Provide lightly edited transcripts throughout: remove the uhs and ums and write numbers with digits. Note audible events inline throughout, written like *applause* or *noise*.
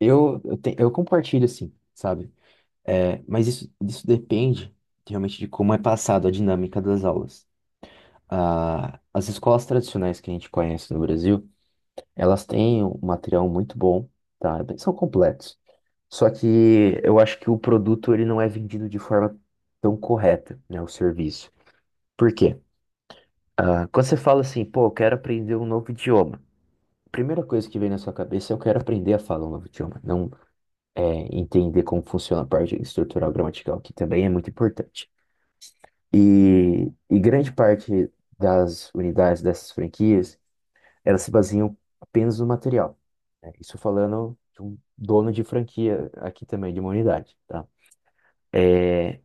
Eu compartilho assim, sabe? É, mas isso depende realmente de como é passado a dinâmica das aulas. As escolas tradicionais que a gente conhece no Brasil, elas têm um material muito bom, tá? Eles são completos. Só que eu acho que o produto ele não é vendido de forma tão correta, né? O serviço. Por quê? Quando você fala assim, pô, eu quero aprender um novo idioma. A primeira coisa que vem na sua cabeça é eu quero aprender a falar um novo idioma. Não é, entender como funciona a parte estrutural gramatical, que também é muito importante. E grande parte das unidades dessas franquias, elas se baseiam apenas no material. Né? Isso falando de um dono de franquia aqui também, de uma unidade, tá? É,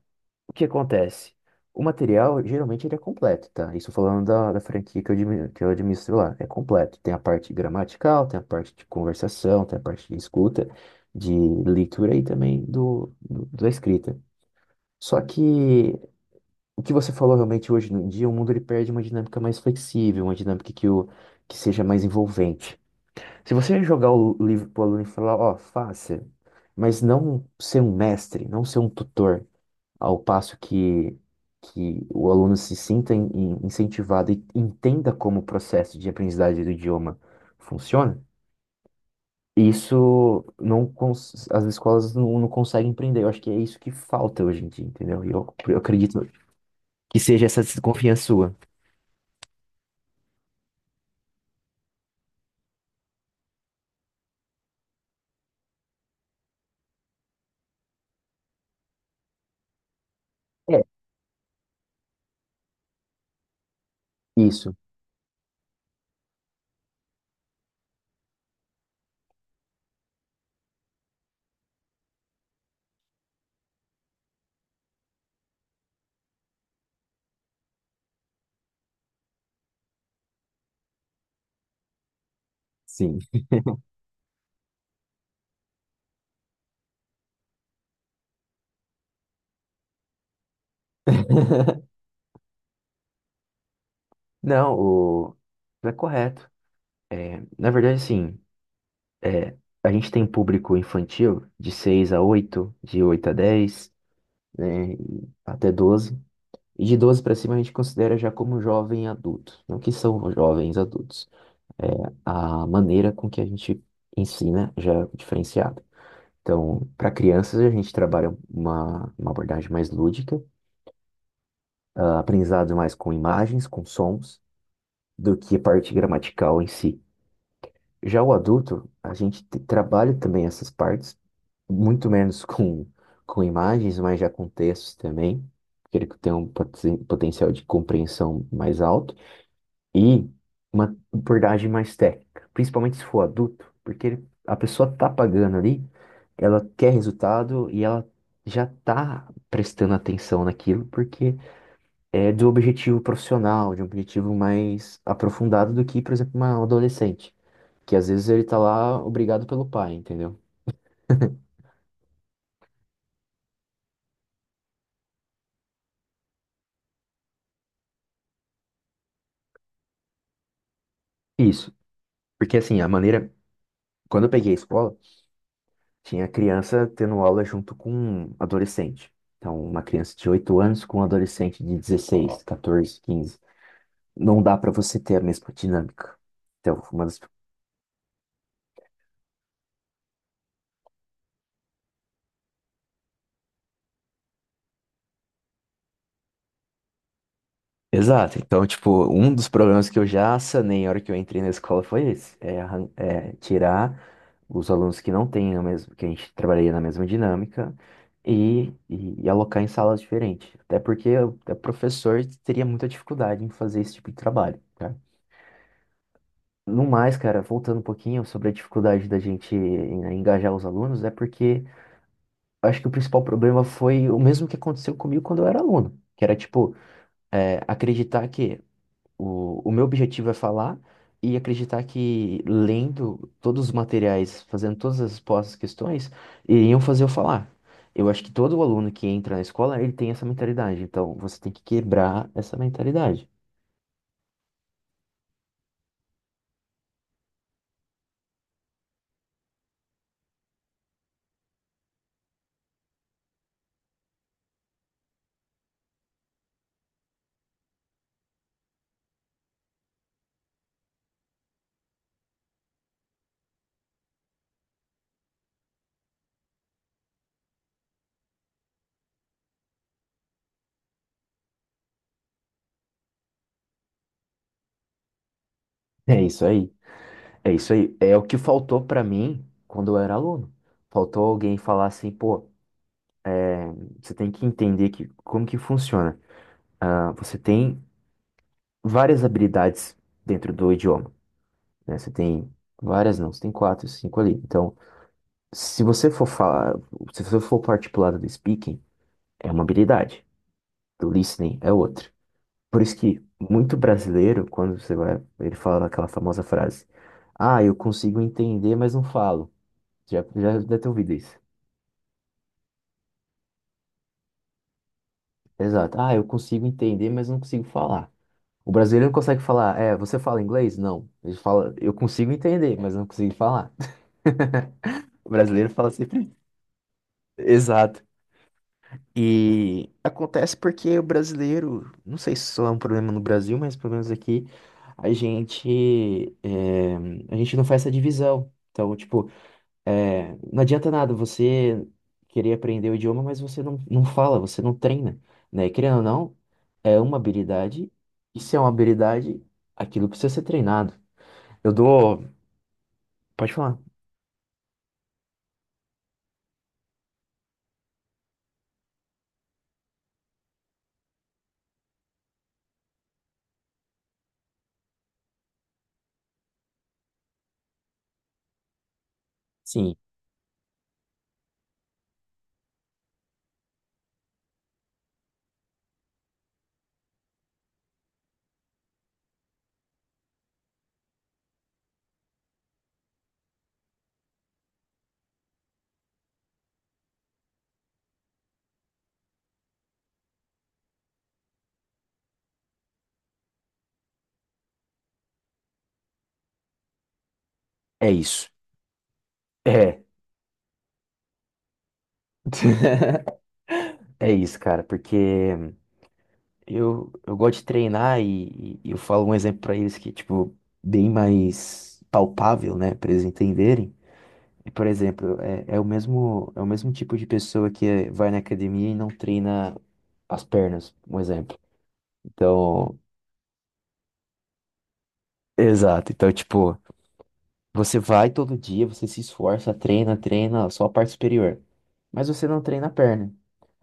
o que acontece? O material, geralmente, ele é completo, tá? Isso falando da franquia que eu administro lá. É completo. Tem a parte gramatical, tem a parte de conversação, tem a parte de escuta, de leitura e também da escrita. Só que o que você falou realmente hoje no dia, o mundo ele perde uma dinâmica mais flexível, uma dinâmica que seja mais envolvente. Se você jogar o livro pro aluno e falar, ó, faça, mas não ser um mestre, não ser um tutor, ao passo que o aluno se sinta incentivado e entenda como o processo de aprendizagem do idioma funciona, as escolas não conseguem empreender. Eu acho que é isso que falta hoje em dia, entendeu? E eu acredito que seja essa desconfiança sua. É, isso, sim. Não, o... não é correto. É, na verdade, assim, é, a gente tem público infantil de 6 a oito, de 8 a dez, né, e até doze. E de 12 para cima a gente considera já como jovem adulto, não que são jovens adultos. É, a maneira com que a gente ensina já é diferenciada. Então, para crianças, a gente trabalha uma abordagem mais lúdica, aprendizado mais com imagens, com sons, do que a parte gramatical em si. Já o adulto, a gente trabalha também essas partes, muito menos *laughs* com imagens, mas já com textos também, porque ele tem um potencial de compreensão mais alto. E uma abordagem mais técnica, principalmente se for adulto, porque a pessoa tá pagando ali, ela quer resultado e ela já tá prestando atenção naquilo, porque é do objetivo profissional, de um objetivo mais aprofundado do que, por exemplo, um adolescente, que às vezes ele tá lá obrigado pelo pai, entendeu? Isso, porque assim, a maneira, quando eu peguei a escola, tinha criança tendo aula junto com um adolescente. Então, uma criança de 8 anos com um adolescente de 16, 14, quinze, não dá pra você ter a mesma dinâmica. Então, uma das... Exato. Então, tipo, um dos problemas que eu já sanei na hora que eu entrei na escola foi esse, é, é tirar os alunos que não têm a mesma, que a gente trabalharia na mesma dinâmica e, e alocar em salas diferentes. Até porque o professor teria muita dificuldade em fazer esse tipo de trabalho, tá? No mais, cara, voltando um pouquinho sobre a dificuldade da gente engajar os alunos, é porque eu acho que o principal problema foi o mesmo que aconteceu comigo quando eu era aluno, que era tipo é, acreditar que o meu objetivo é falar e acreditar que lendo todos os materiais, fazendo todas as postas questões, iriam fazer eu falar. Eu acho que todo aluno que entra na escola, ele tem essa mentalidade. Então, você tem que quebrar essa mentalidade. É isso aí. É isso aí. É o que faltou pra mim quando eu era aluno. Faltou alguém falar assim, pô, você tem que entender que, como que funciona. Ah, você tem várias habilidades dentro do idioma. Né? Você tem várias, não, você tem quatro, cinco ali. Então, se você for falar, se você for partir pro lado do speaking, é uma habilidade. Do listening é outra. Por isso que muito brasileiro, quando você vai, ele fala aquela famosa frase: ah, eu consigo entender, mas não falo. Já, já deve ter ouvido isso. Exato. Ah, eu consigo entender, mas não consigo falar. O brasileiro não consegue falar, é, você fala inglês? Não. Ele fala, eu consigo entender, mas não consigo falar. *laughs* O brasileiro fala sempre. Exato. E acontece porque o brasileiro, não sei se isso é um problema no Brasil, mas pelo menos aqui a gente, é, a gente não faz essa divisão. Então, tipo, é, não adianta nada você querer aprender o idioma, mas você não fala, você não treina, né? Querendo ou não, é uma habilidade, e se é uma habilidade, aquilo precisa ser treinado. Eu dou. Pode falar. Sim, é isso. É. *laughs* É isso, cara, porque eu gosto de treinar e eu falo um exemplo pra eles que, tipo, bem mais palpável, né, pra eles entenderem. E, por exemplo, é, é o mesmo tipo de pessoa que vai na academia e não treina as pernas, um exemplo. Então, exato. Então, tipo, você vai todo dia, você se esforça, treina, treina só a parte superior, mas você não treina a perna.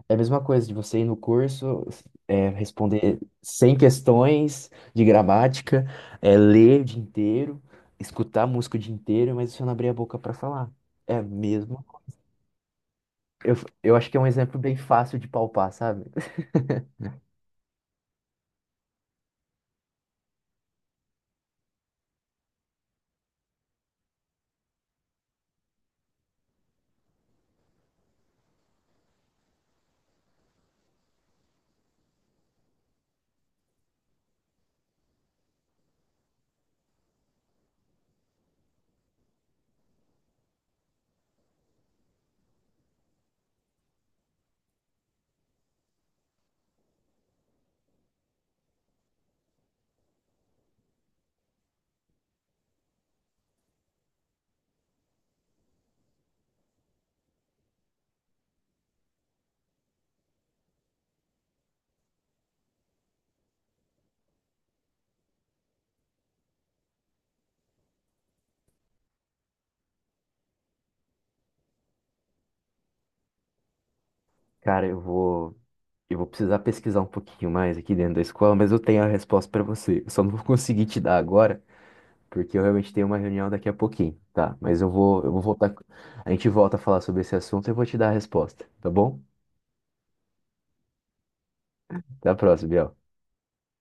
É a mesma coisa de você ir no curso, é, responder 100 questões de gramática, é, ler o dia inteiro, escutar música o dia inteiro, mas você não abrir a boca pra falar. É mesmo. Eu, eu acho que é um exemplo bem fácil de palpar, sabe? *laughs* Cara, eu vou precisar pesquisar um pouquinho mais aqui dentro da escola, mas eu tenho a resposta pra você. Eu só não vou conseguir te dar agora, porque eu realmente tenho uma reunião daqui a pouquinho, tá? Mas eu vou voltar. A gente volta a falar sobre esse assunto e eu vou te dar a resposta, tá bom? Até a próxima, Biel.